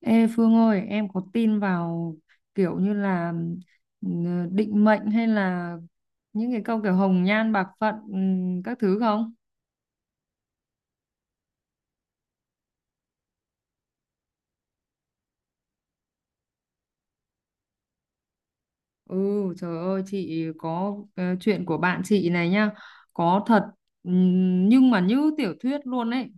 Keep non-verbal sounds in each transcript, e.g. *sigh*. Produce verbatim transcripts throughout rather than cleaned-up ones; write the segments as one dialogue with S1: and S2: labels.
S1: Ê Phương ơi, em có tin vào kiểu như là ừ, định mệnh hay là những cái câu kiểu hồng nhan bạc phận, ừ, các thứ không? Ừ, trời ơi, chị có ờ, chuyện của bạn chị này nhá, có thật, ừ, nhưng mà như tiểu thuyết luôn ấy,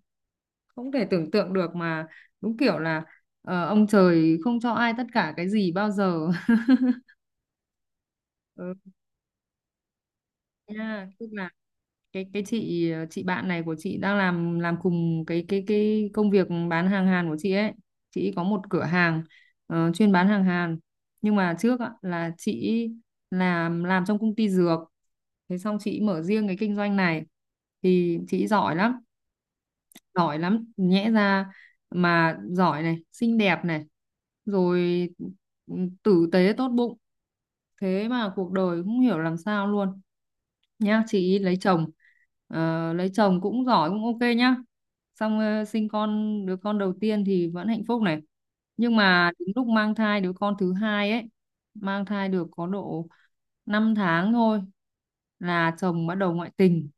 S1: không thể tưởng tượng được mà. Đúng kiểu là ờ, ông trời không cho ai tất cả cái gì bao giờ. *laughs* Ừ, nha, tức là cái cái chị, ờ, chị bạn này của chị đang làm làm cùng cái cái cái công việc bán hàng Hàn của chị ấy. Chị có một cửa hàng ờ, chuyên bán hàng Hàn, nhưng mà trước á, là chị làm làm trong công ty dược. Thế xong chị mở riêng cái kinh doanh này thì chị giỏi lắm. Giỏi lắm nhẽ ra mà giỏi này, xinh đẹp này, rồi ừ, tử tế tốt bụng. Thế mà cuộc đời cũng hiểu làm sao luôn nhá. Chị ý lấy chồng, ờ, lấy chồng cũng giỏi, cũng ok nhá. Xong ờ, sinh con, đứa con đầu tiên thì vẫn hạnh phúc này, nhưng mà đến lúc mang thai đứa con thứ hai ấy, mang thai được có độ năm tháng thôi là chồng bắt đầu ngoại tình.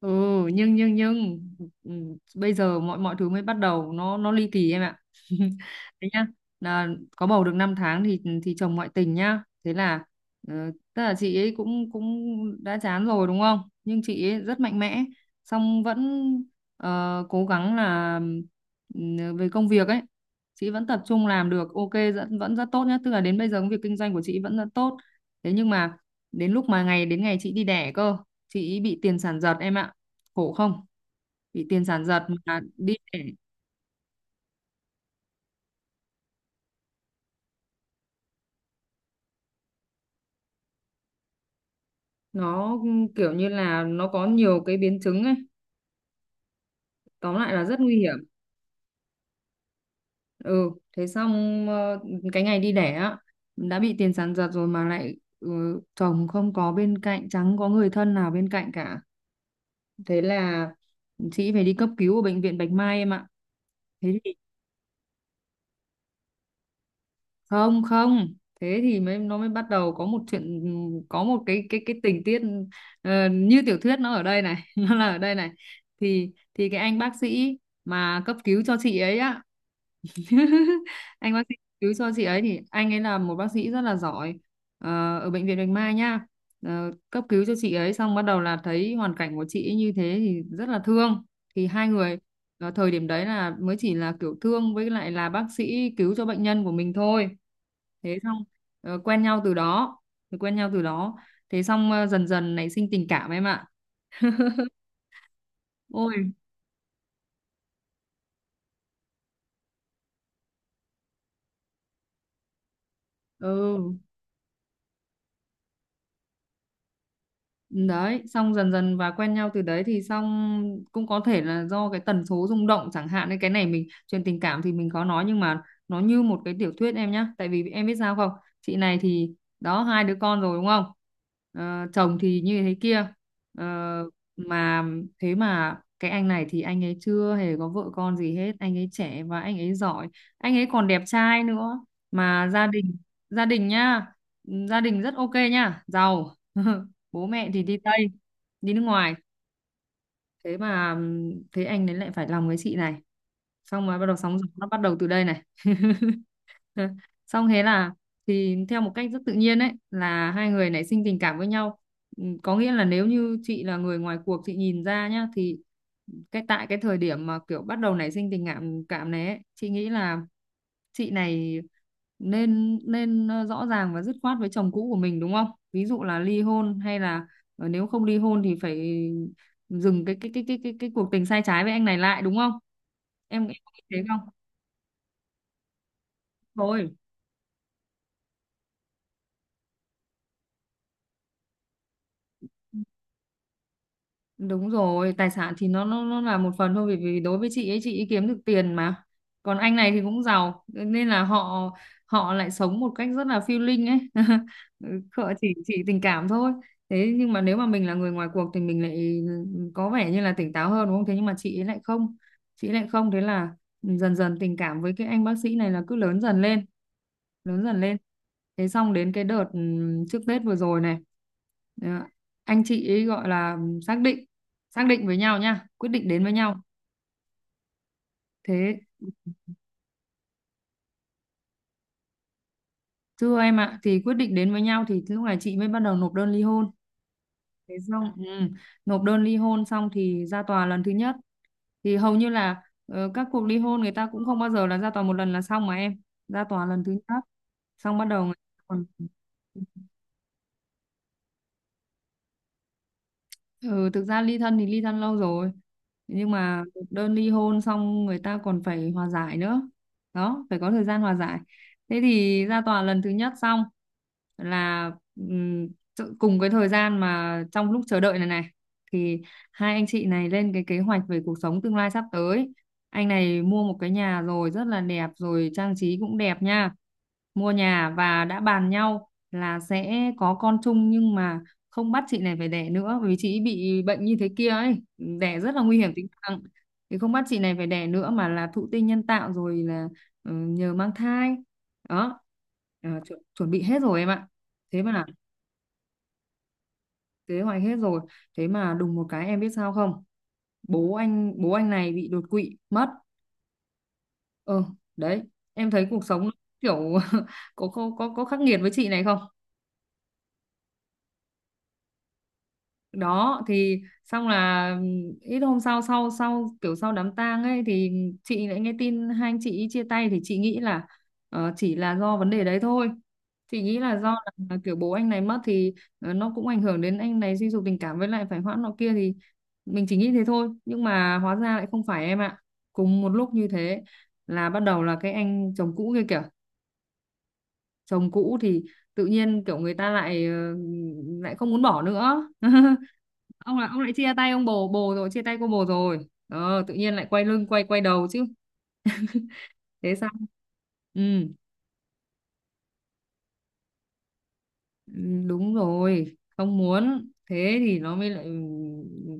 S1: Ừ, nhưng nhưng nhưng ừ, bây giờ mọi mọi thứ mới bắt đầu nó nó ly kỳ em ạ. *laughs* Thế nhá, là có bầu được năm tháng thì thì chồng ngoại tình nhá. Thế là ờ, tức là chị ấy cũng cũng đã chán rồi đúng không, nhưng chị ấy rất mạnh mẽ, xong vẫn ờ, cố gắng là, ừ, về công việc ấy chị vẫn tập trung làm được ok, vẫn vẫn rất tốt nhá. Tức là đến bây giờ công việc kinh doanh của chị vẫn rất tốt. Thế nhưng mà đến lúc mà ngày đến ngày chị đi đẻ cơ, chị ấy bị tiền sản giật em ạ, khổ không. Bị tiền sản giật mà đi để, nó kiểu như là nó có nhiều cái biến chứng ấy, tóm lại là rất nguy hiểm. Ừ, thế xong ờ, cái ngày đi đẻ á, đã bị tiền sản giật rồi mà lại, ừ, chồng không có bên cạnh, chẳng có người thân nào bên cạnh cả. Thế là chị phải đi cấp cứu ở bệnh viện Bạch Mai em ạ. Thế không, không, thế thì mới, nó mới bắt đầu có một chuyện, có một cái cái cái tình tiết ờ, như tiểu thuyết nó ở đây này. *laughs* Nó là ở đây này. Thì thì cái anh bác sĩ mà cấp cứu cho chị ấy á, *laughs* anh bác sĩ cứu cho chị ấy thì anh ấy là một bác sĩ rất là giỏi ờ, ở bệnh viện Bạch Mai nhá. Ờ, cấp cứu cho chị ấy xong bắt đầu là thấy hoàn cảnh của chị ấy như thế thì rất là thương. Thì hai người ờ, thời điểm đấy là mới chỉ là kiểu thương, với lại là bác sĩ cứu cho bệnh nhân của mình thôi. Thế xong ờ, quen nhau từ đó, thì quen nhau từ đó. Thế xong ờ, dần dần nảy sinh tình cảm em ạ. Ôi. Ừ. Đấy, xong dần dần và quen nhau từ đấy thì xong, cũng có thể là do cái tần số rung động chẳng hạn, nên cái này mình chuyện tình cảm thì mình khó nói, nhưng mà nó như một cái tiểu thuyết em nhá, tại vì em biết sao không? Chị này thì đó, hai đứa con rồi đúng không? Ờ, chồng thì như thế kia. Ờ, mà thế mà cái anh này thì anh ấy chưa hề có vợ con gì hết, anh ấy trẻ và anh ấy giỏi, anh ấy còn đẹp trai nữa, mà gia đình, gia đình nhá, gia đình rất ok nhá, giàu. *laughs* Bố mẹ thì đi Tây, đi nước ngoài. Thế mà ừm, thế anh ấy lại phải lòng với chị này, xong rồi bắt đầu sóng gió, nó bắt đầu từ đây này. *laughs* Xong thế là, thì theo một cách rất tự nhiên ấy, là hai người nảy sinh tình cảm với nhau. Ừm, có nghĩa là nếu như chị là người ngoài cuộc, chị nhìn ra nhá, thì cái tại cái thời điểm mà kiểu bắt đầu nảy sinh tình cảm cảm này ấy, chị nghĩ là chị này nên nên ờ, rõ ràng và dứt khoát với chồng cũ của mình đúng không? Ví dụ là ly hôn hay là ờ, nếu không ly hôn thì phải dừng cái cái cái cái cái cái cuộc tình sai trái với anh này lại đúng không, em em có nghĩ thế không? Thôi. Đúng rồi, tài sản thì nó nó nó là một phần thôi, vì vì đối với chị ấy, chị ấy kiếm được tiền mà. Còn anh này thì cũng giàu nên là họ, họ lại sống một cách rất là phiêu linh ấy. *laughs* Họ chỉ chỉ tình cảm thôi. Thế nhưng mà nếu mà mình là người ngoài cuộc thì mình lại có vẻ như là tỉnh táo hơn đúng không? Thế nhưng mà chị ấy lại không. Chị ấy lại không, thế là dần dần tình cảm với cái anh bác sĩ này là cứ lớn dần lên, lớn dần lên. Thế xong đến cái đợt ừm, trước Tết vừa rồi này. Đó. Anh chị ấy gọi là xác định, xác định với nhau nha, quyết định đến với nhau. Thế thưa em ạ, thì quyết định đến với nhau thì lúc này chị mới bắt đầu nộp đơn ly hôn. Thế xong, ừ, nộp đơn ly hôn xong thì ra tòa lần thứ nhất, thì hầu như là ờ, các cuộc ly hôn người ta cũng không bao giờ là ra tòa một lần là xong mà em. Ra tòa lần thứ nhất xong bắt đầu người ta còn, ừ, thực ra ly thân thì ly thân lâu rồi, nhưng mà đơn ly hôn xong người ta còn phải hòa giải nữa. Đó, phải có thời gian hòa giải. Thế thì ra tòa lần thứ nhất xong là ừm, tự- cùng cái thời gian mà trong lúc chờ đợi này này thì hai anh chị này lên cái kế hoạch về cuộc sống tương lai sắp tới. Anh này mua một cái nhà rồi rất là đẹp, rồi trang trí cũng đẹp nha. Mua nhà và đã bàn nhau là sẽ có con chung, nhưng mà không bắt chị này phải đẻ nữa, bởi vì chị ấy bị bệnh như thế kia ấy, đẻ rất là nguy hiểm tính mạng, thì không bắt chị này phải đẻ nữa, mà là thụ tinh nhân tạo rồi là ừ, nhờ mang thai. Đó. Ờ, chu- chuẩn bị hết rồi em ạ. Thế mà, kế hoạch hết rồi, thế mà đùng một cái em biết sao không, bố anh bố anh này bị đột quỵ mất. ờ Đấy, em thấy cuộc sống kiểu *laughs* có có có có khắc nghiệt với chị này không. Đó, thì xong là ít hôm sau, sau sau kiểu sau đám tang ấy thì chị lại nghe tin hai anh chị ý chia tay, thì chị nghĩ là ờ, chỉ là do vấn đề đấy thôi. Chị nghĩ là do là, là kiểu bố anh này mất thì ờ, nó cũng ảnh hưởng đến anh này suy sụp tình cảm, với lại phải hoãn nọ kia thì mình chỉ nghĩ thế thôi, nhưng mà hóa ra lại không phải em ạ. Cùng một lúc như thế, là bắt đầu là cái anh chồng cũ kia kìa. Chồng cũ thì tự nhiên kiểu người ta lại ờ, lại không muốn bỏ nữa. *laughs* Ông là ông lại chia tay ông bồ, bồ rồi chia tay cô bồ rồi, ờ, tự nhiên lại quay lưng, quay quay đầu chứ, thế sao. Ừ. Ừ, đúng rồi, không muốn, thế thì nó mới lại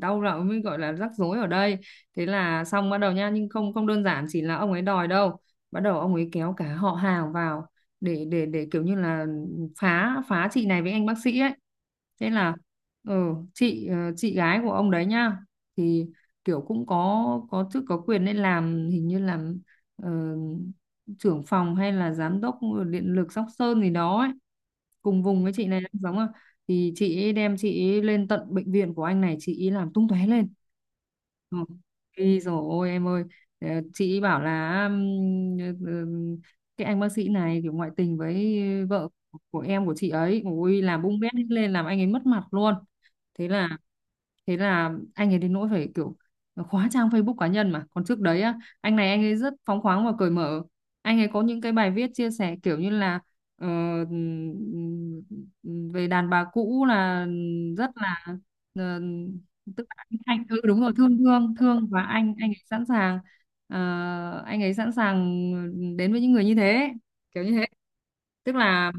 S1: đau đầu, mới gọi là rắc rối ở đây. Thế là xong bắt đầu nha, nhưng không, không đơn giản chỉ là ông ấy đòi đâu, bắt đầu ông ấy kéo cả họ hàng vào để để để kiểu như là phá phá chị này với anh bác sĩ ấy. Thế là ừ, chị, ờ, chị gái của ông đấy nhá, thì kiểu cũng có có chức có quyền, nên làm hình như làm trưởng phòng hay là giám đốc điện lực Sóc Sơn gì đó ấy, cùng vùng với chị này đang giống à, thì chị ấy đem chị ấy lên tận bệnh viện của anh này, chị ấy làm tung tóe lên. Ừ. Ôi dồi ôi em ơi. Ờ, chị ấy bảo là ừm, ừm, cái anh bác sĩ này kiểu ngoại tình với vợ của em của chị ấy, ôi làm bung bét hết lên, làm anh ấy mất mặt luôn. Thế là thế là anh ấy đến nỗi phải kiểu khóa trang Facebook cá nhân, mà còn trước đấy á, anh này anh ấy rất phóng khoáng và cởi mở. Anh ấy có những cái bài viết chia sẻ kiểu như là ờ, ừm, ừm, về đàn bà cũ là rất là ờ, tức là anh anh- ừ đúng rồi, thương thương thương, và anh anh ấy sẵn sàng, ờ, anh ấy sẵn sàng đến với những người như thế, kiểu như thế. Tức là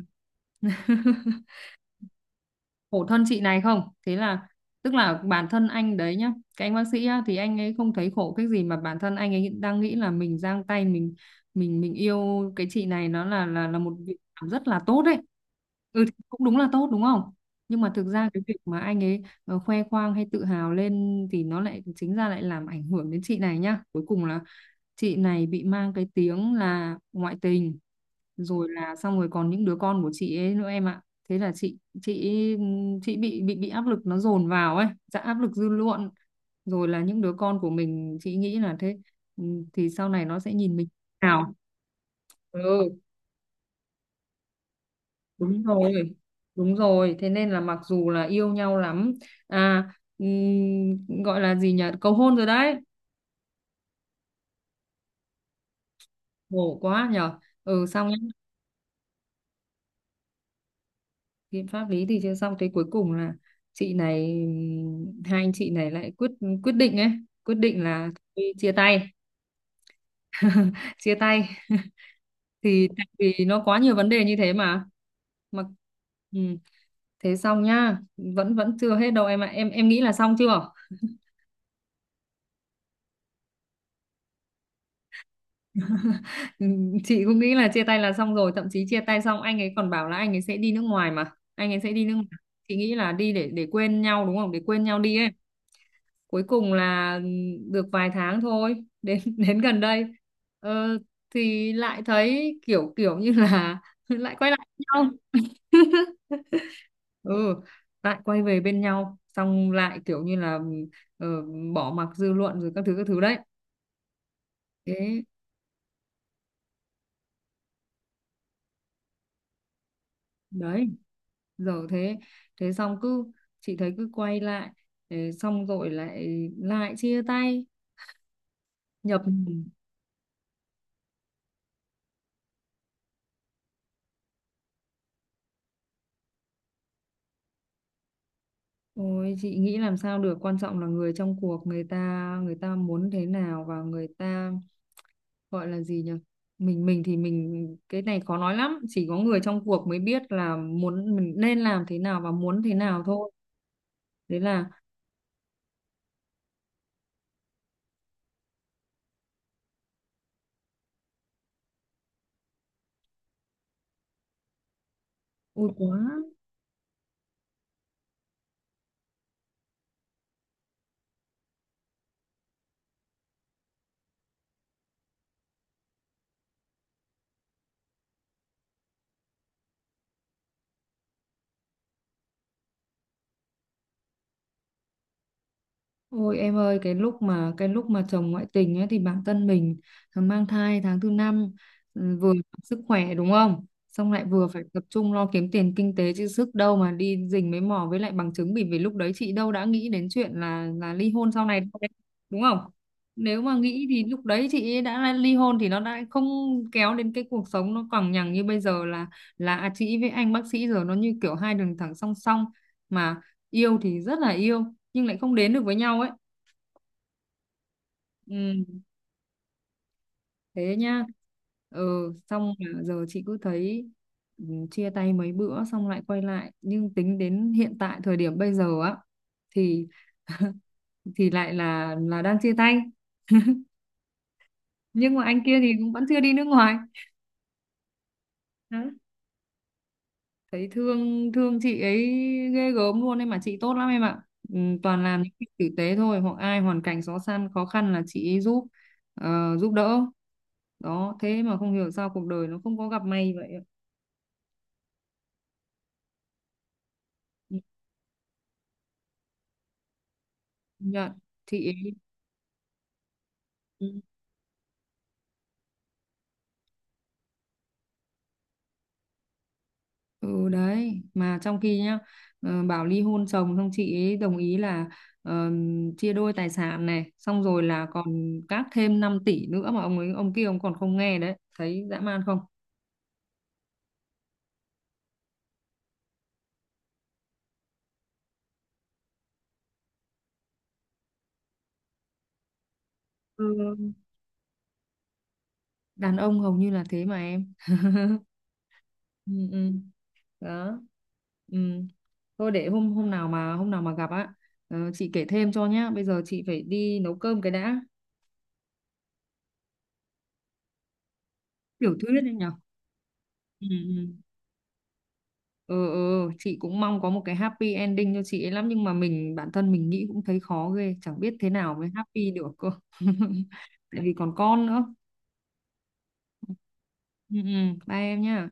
S1: *laughs* khổ thân chị này không. Thế là, tức là bản thân anh đấy nhá, cái anh bác sĩ á, thì anh ấy không thấy khổ cái gì, mà bản thân anh ấy đang nghĩ là mình giang tay, mình mình mình yêu cái chị này, nó là là là một việc làm rất là tốt đấy. Ừ thì cũng đúng là tốt đúng không. Nhưng mà thực ra cái việc mà anh ấy ờ, khoe khoang hay tự hào lên thì nó lại chính ra lại làm ảnh hưởng đến chị này nhá, cuối cùng là chị này bị mang cái tiếng là ngoại tình, rồi là xong rồi còn những đứa con của chị ấy nữa em ạ. Thế là chị chị chị bị bị bị áp lực, nó dồn vào ấy, dạ, áp lực dư luận, rồi là những đứa con của mình, chị nghĩ là thế, ừ, thì sau này nó sẽ nhìn mình. Nào, ừ đúng rồi, đúng rồi, thế nên là mặc dù là yêu nhau lắm, à, ừm, gọi là gì nhỉ, cầu hôn rồi đấy. Khổ quá nhở. Ừ xong nhá, biện pháp lý thì chưa xong, thế cuối cùng là chị này ừm, hai anh chị này lại quyết, quyết định ấy, quyết định là thôi chia tay, chia tay. *laughs* Thì tại vì nó quá nhiều vấn đề như thế mà mà ừ. Thế xong nhá, vẫn vẫn chưa hết đâu em ạ, em em nghĩ là xong chưa. Ừ, chị cũng nghĩ là chia tay là xong rồi, thậm chí chia tay xong anh ấy còn bảo là anh ấy sẽ đi nước ngoài, mà anh ấy sẽ đi nước ngoài. Chị nghĩ là đi để để quên nhau đúng không, để quên nhau đi ấy. Cuối cùng là, ừ, được vài tháng thôi, đến *laughs* đến gần đây, ờ, thì lại thấy kiểu kiểu như là *laughs* lại quay lại với nhau. *laughs* Ừ, lại quay về bên nhau, xong lại kiểu như là, ờ, bỏ mặc dư luận rồi các thứ các thứ đấy, thế đấy. Giờ thế, thế xong cứ, chị thấy cứ quay lại, thế xong rồi lại, lại chia tay, nhập nhằng. Ôi chị nghĩ làm sao được, quan trọng là người trong cuộc, người ta người ta muốn thế nào, và người ta, gọi là gì nhỉ, mình mình thì mình, cái này khó nói lắm, chỉ có người trong cuộc mới biết là muốn mình nên làm thế nào và muốn thế nào thôi. Thế là Ôi quá. Ôi em ơi, cái lúc mà cái lúc mà chồng ngoại tình ấy thì bản thân mình ờ, mang thai tháng thứ năm, ừ, vừa sức khỏe đúng không? Xong lại vừa phải tập trung lo kiếm tiền kinh tế, chứ sức đâu mà đi rình mấy mò với lại bằng chứng, bởi vì lúc đấy chị đâu đã nghĩ đến chuyện là là ly hôn sau này đâu đấy, đúng không? Nếu mà nghĩ thì lúc đấy chị ấy đã ly hôn thì nó đã không kéo đến cái cuộc sống nó còng nhằng như bây giờ, là là à, chị với anh bác sĩ giờ nó như kiểu hai đường thẳng song song, mà yêu thì rất là yêu, nhưng lại không đến được với nhau ấy. Ừ, thế nhá. Ừ xong là giờ chị cứ thấy, ừ, chia tay mấy bữa xong lại quay lại, nhưng tính đến hiện tại thời điểm bây giờ á, thì thì lại là là đang chia tay. Nhưng mà anh kia thì cũng vẫn chưa đi nước ngoài. Đó. Thấy thương thương chị ấy ghê gớm luôn em, mà chị tốt lắm em ạ, ừ, toàn làm những việc tử tế thôi, hoặc ai hoàn cảnh khó khăn khó khăn là chị ấy giúp, ờ, giúp đỡ. Đó, thế mà không hiểu sao cuộc đời nó không có gặp may vậy ạ. Ừ. Dạ, chị ấy, ừ ừ, đấy, mà trong khi nhá, ờ, bảo ly hôn chồng xong chị ấy đồng ý là, ờ, chia đôi tài sản này, xong rồi là còn các thêm năm tỷ nữa mà ông ấy, ông kia ông còn không nghe đấy, thấy dã man không. Ừ. Đàn ông hầu như là thế mà em. *laughs* Ừ, ừ. Đó. Ừ. Thôi để hôm hôm nào mà hôm nào mà gặp á, ờ, chị kể thêm cho nhá, bây giờ chị phải đi nấu cơm cái đã. Tiểu thuyết đấy nhở. Ừ. Ừ. Ừ ừ, chị cũng mong có một cái happy ending cho chị ấy lắm, nhưng mà mình bản thân mình nghĩ cũng thấy khó ghê, chẳng biết thế nào mới happy được cơ. *laughs* Tại vì còn con nữa. Ừ, ừ. Bye em nhá.